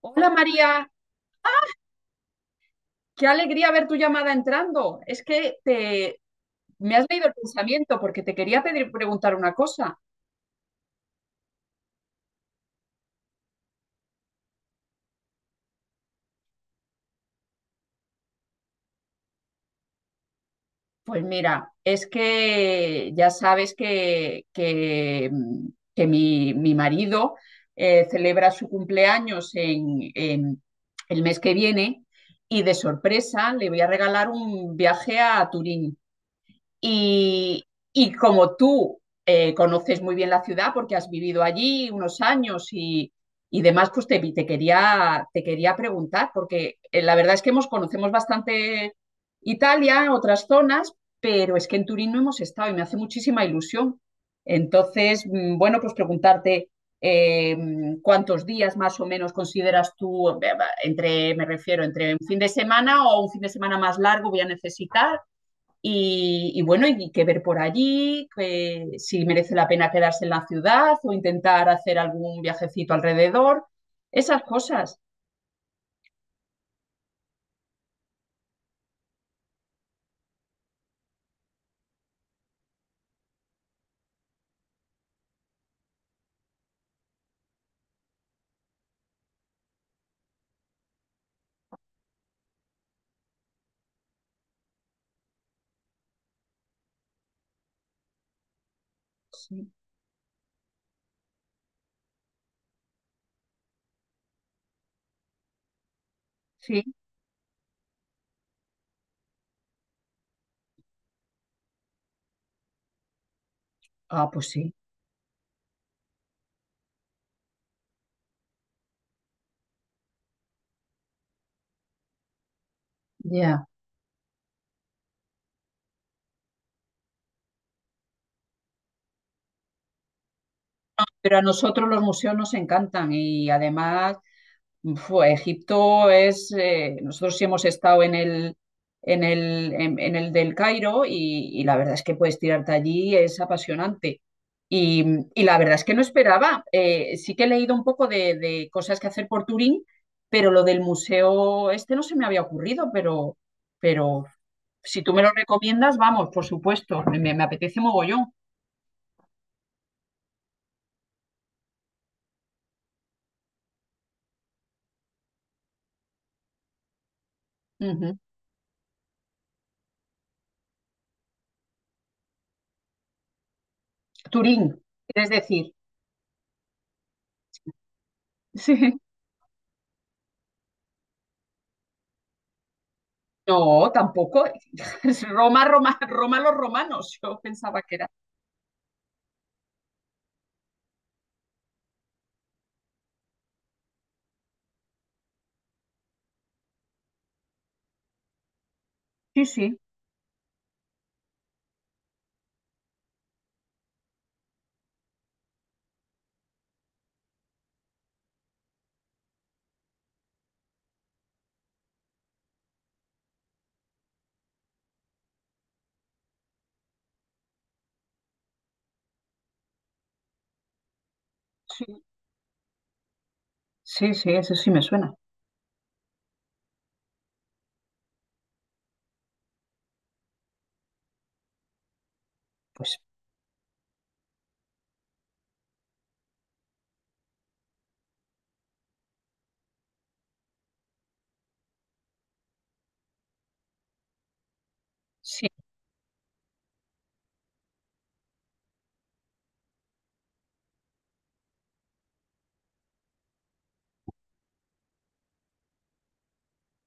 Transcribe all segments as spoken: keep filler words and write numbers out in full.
Hola María, qué alegría ver tu llamada entrando. Es que te, me has leído el pensamiento porque te quería pedir preguntar una cosa. Pues mira, es que ya sabes que, que, mm, que mi, mi marido eh, celebra su cumpleaños en, en el mes que viene y de sorpresa le voy a regalar un viaje a Turín. Y, y como tú eh, conoces muy bien la ciudad porque has vivido allí unos años y, y demás, pues te, te, quería, te quería preguntar, porque eh, la verdad es que hemos, conocemos bastante Italia, otras zonas, pero es que en Turín no hemos estado y me hace muchísima ilusión. Entonces, mm, bueno, pues preguntarte eh, mm, cuántos días más o menos consideras tú, eh, entre, me refiero, entre un fin de semana o un fin de semana más largo voy a necesitar y, y bueno, y que ver por allí, que si merece la pena quedarse en la ciudad o intentar hacer algún viajecito alrededor, esas cosas. Sí, sí. Ah, pues sí, ya. Pero a nosotros los museos nos encantan y además Fue, Egipto es, eh, nosotros sí hemos estado en el, en el, en, en el del Cairo y, y la verdad es que puedes tirarte allí, es apasionante. Y, y la verdad es que no esperaba. Eh, sí que he leído un poco de, de cosas que hacer por Turín, pero lo del museo este no se me había ocurrido, pero, pero si tú me lo recomiendas, vamos, por supuesto, me, me apetece mogollón. Ujú. Turín, quieres decir. Sí. No, tampoco. Es Roma, Roma, Roma, los romanos. Yo pensaba que era. Sí, sí, sí, sí, sí, eso sí me suena. Pues sí.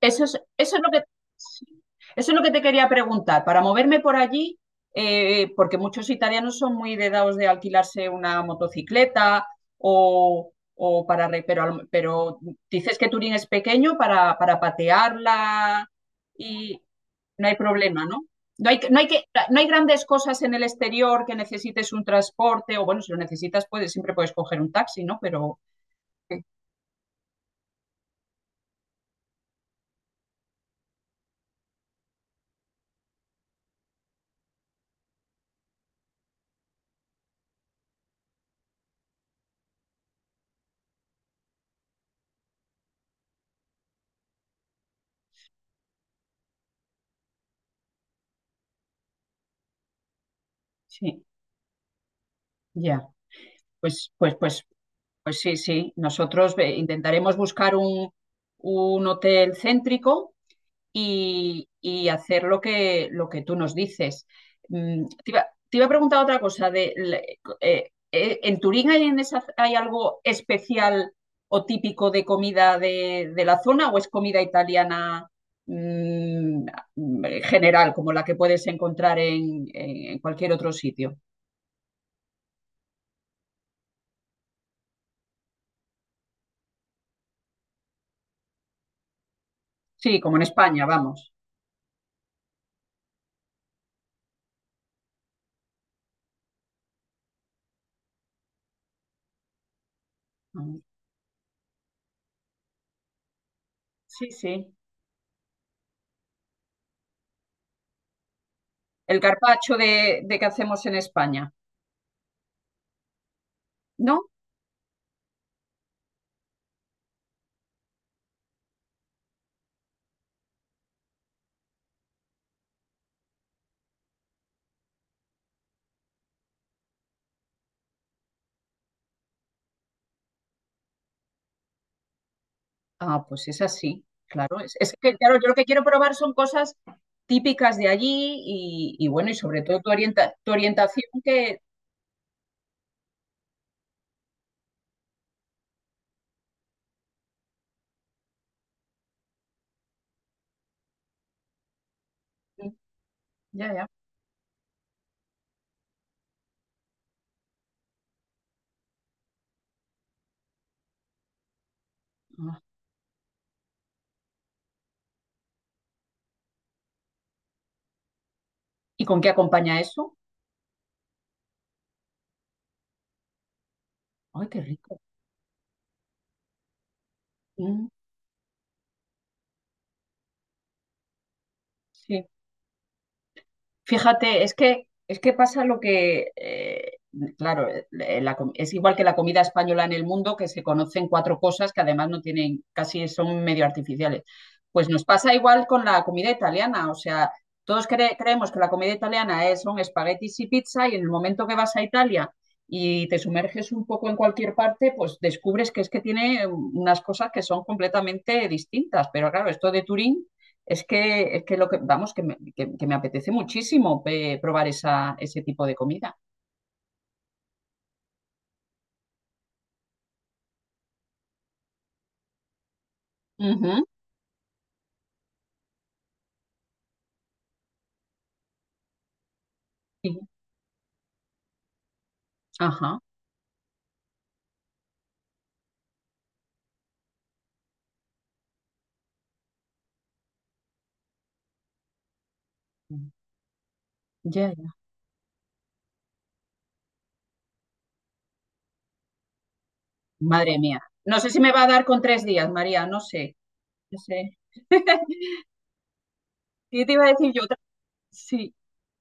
Eso es, eso es lo que, sí. Eso es lo que te quería preguntar. Para moverme por allí, eh, porque muchos italianos son muy de dados de alquilarse una motocicleta o, o para. Re- Pero, al- pero dices que Turín es pequeño para, para patearla, no hay problema, ¿no? No hay, no, hay que, no hay grandes cosas en el exterior que necesites un transporte, o bueno, si lo necesitas, puedes, siempre puedes coger un taxi, ¿no? Pero eh, sí, ya, pues, pues, pues, pues sí, sí. Nosotros eh, intentaremos buscar un, un hotel céntrico y, y hacer lo que, lo que tú nos dices. Mm, te, iba, te iba a preguntar otra cosa. De, eh, eh, ¿En Turín hay, en esa, hay algo especial o típico de comida de, de la zona, o es comida italiana mm, eh, general, como la que puedes encontrar en, en cualquier otro sitio? Sí, como en España, vamos. Sí, sí. El carpaccio de, de que hacemos en España, ¿no? Ah, pues es así, claro. Es, es que, claro, yo lo que quiero probar son cosas típicas de allí y, y bueno, y sobre todo tu, orienta- tu orientación que... Ya, ya. Ah. ¿Y con qué acompaña eso? Ay, qué rico. Mm, sí. Fíjate, es que, es que pasa lo que, eh, claro, eh, la com- es igual que la comida española en el mundo, que se conocen cuatro cosas que además no tienen, casi son medio artificiales. Pues nos pasa igual con la comida italiana, o sea, todos cre- creemos que la comida italiana es, son espaguetis y pizza y en el momento que vas a Italia y te sumerges un poco en cualquier parte, pues descubres que es que tiene unas cosas que son completamente distintas. Pero claro, esto de Turín es que, es que lo que, vamos, que me, que- que me apetece muchísimo eh, probar esa, ese tipo de comida. Ujú, sí, ajá. Ya, ya. Madre mía. No sé si me va a dar con tres días, María, no sé. No sé. ¿Qué te iba a decir yo? Otra- Sí.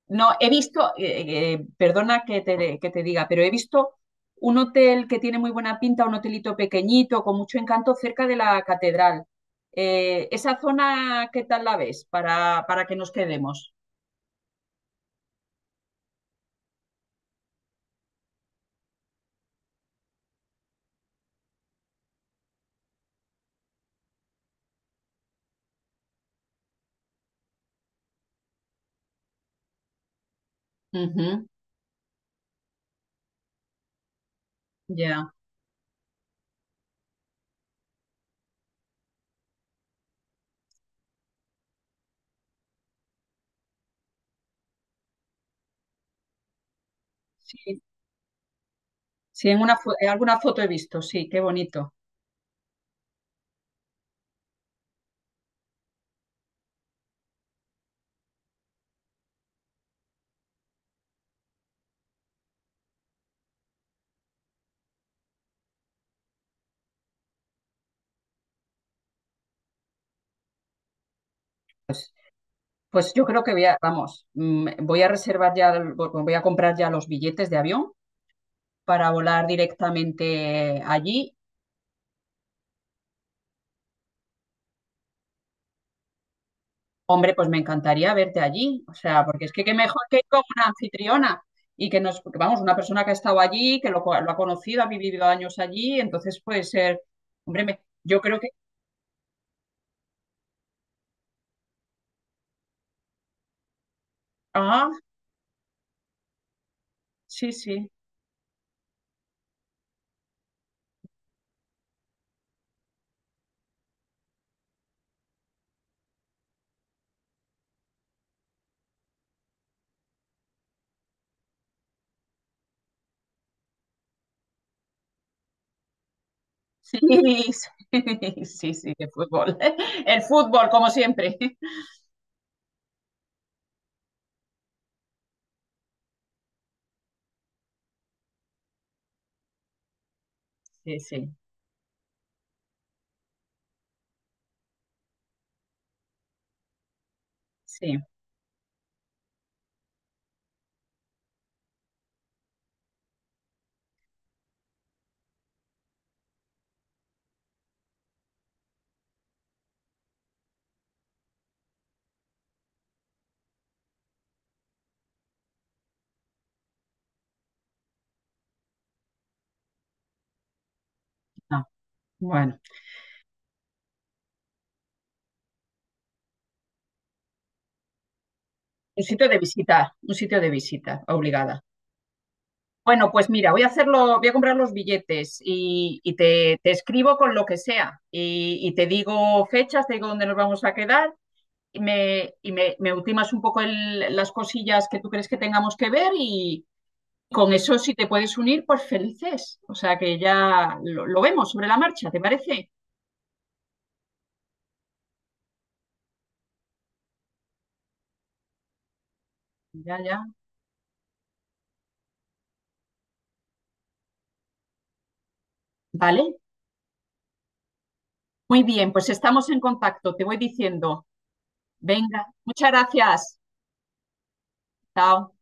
No, he visto, eh, eh, perdona que te, que te diga, pero he visto un hotel que tiene muy buena pinta, un hotelito pequeñito, con mucho encanto, cerca de la catedral. Eh, ¿esa zona qué tal la ves para, para que nos quedemos? Ujú. Ya, sí, sí, en una fo- en alguna foto he visto, sí, qué bonito. Pues, pues yo creo que voy a, vamos, mm, voy a reservar ya, el- voy a comprar ya los billetes de avión para volar directamente allí. Hombre, pues me encantaría verte allí, o sea, porque es que qué mejor que ir con una anfitriona y que nos, porque, vamos, una persona que ha estado allí, que lo, co- lo ha conocido, ha vivido años allí, entonces puede ser, hombre, me- yo creo que, ah, sí, sí. Sí, sí, sí, sí, de fútbol. El fútbol, como siempre. Sí, sí, sí. Ah, bueno, un sitio de visita, un sitio de visita, obligada. Bueno, pues mira, voy a hacerlo, voy a comprar los billetes y, y te, te escribo con lo que sea y, y te digo fechas, te digo dónde nos vamos a quedar y me, y me, me ultimas un poco el- las cosillas que tú crees que tengamos que ver y con eso si te puedes unir, pues felices. O sea que ya lo, lo vemos sobre la marcha, ¿te parece? Ya, ya. Vale. Muy bien, pues estamos en contacto. Te voy diciendo. Venga, muchas gracias. Chao.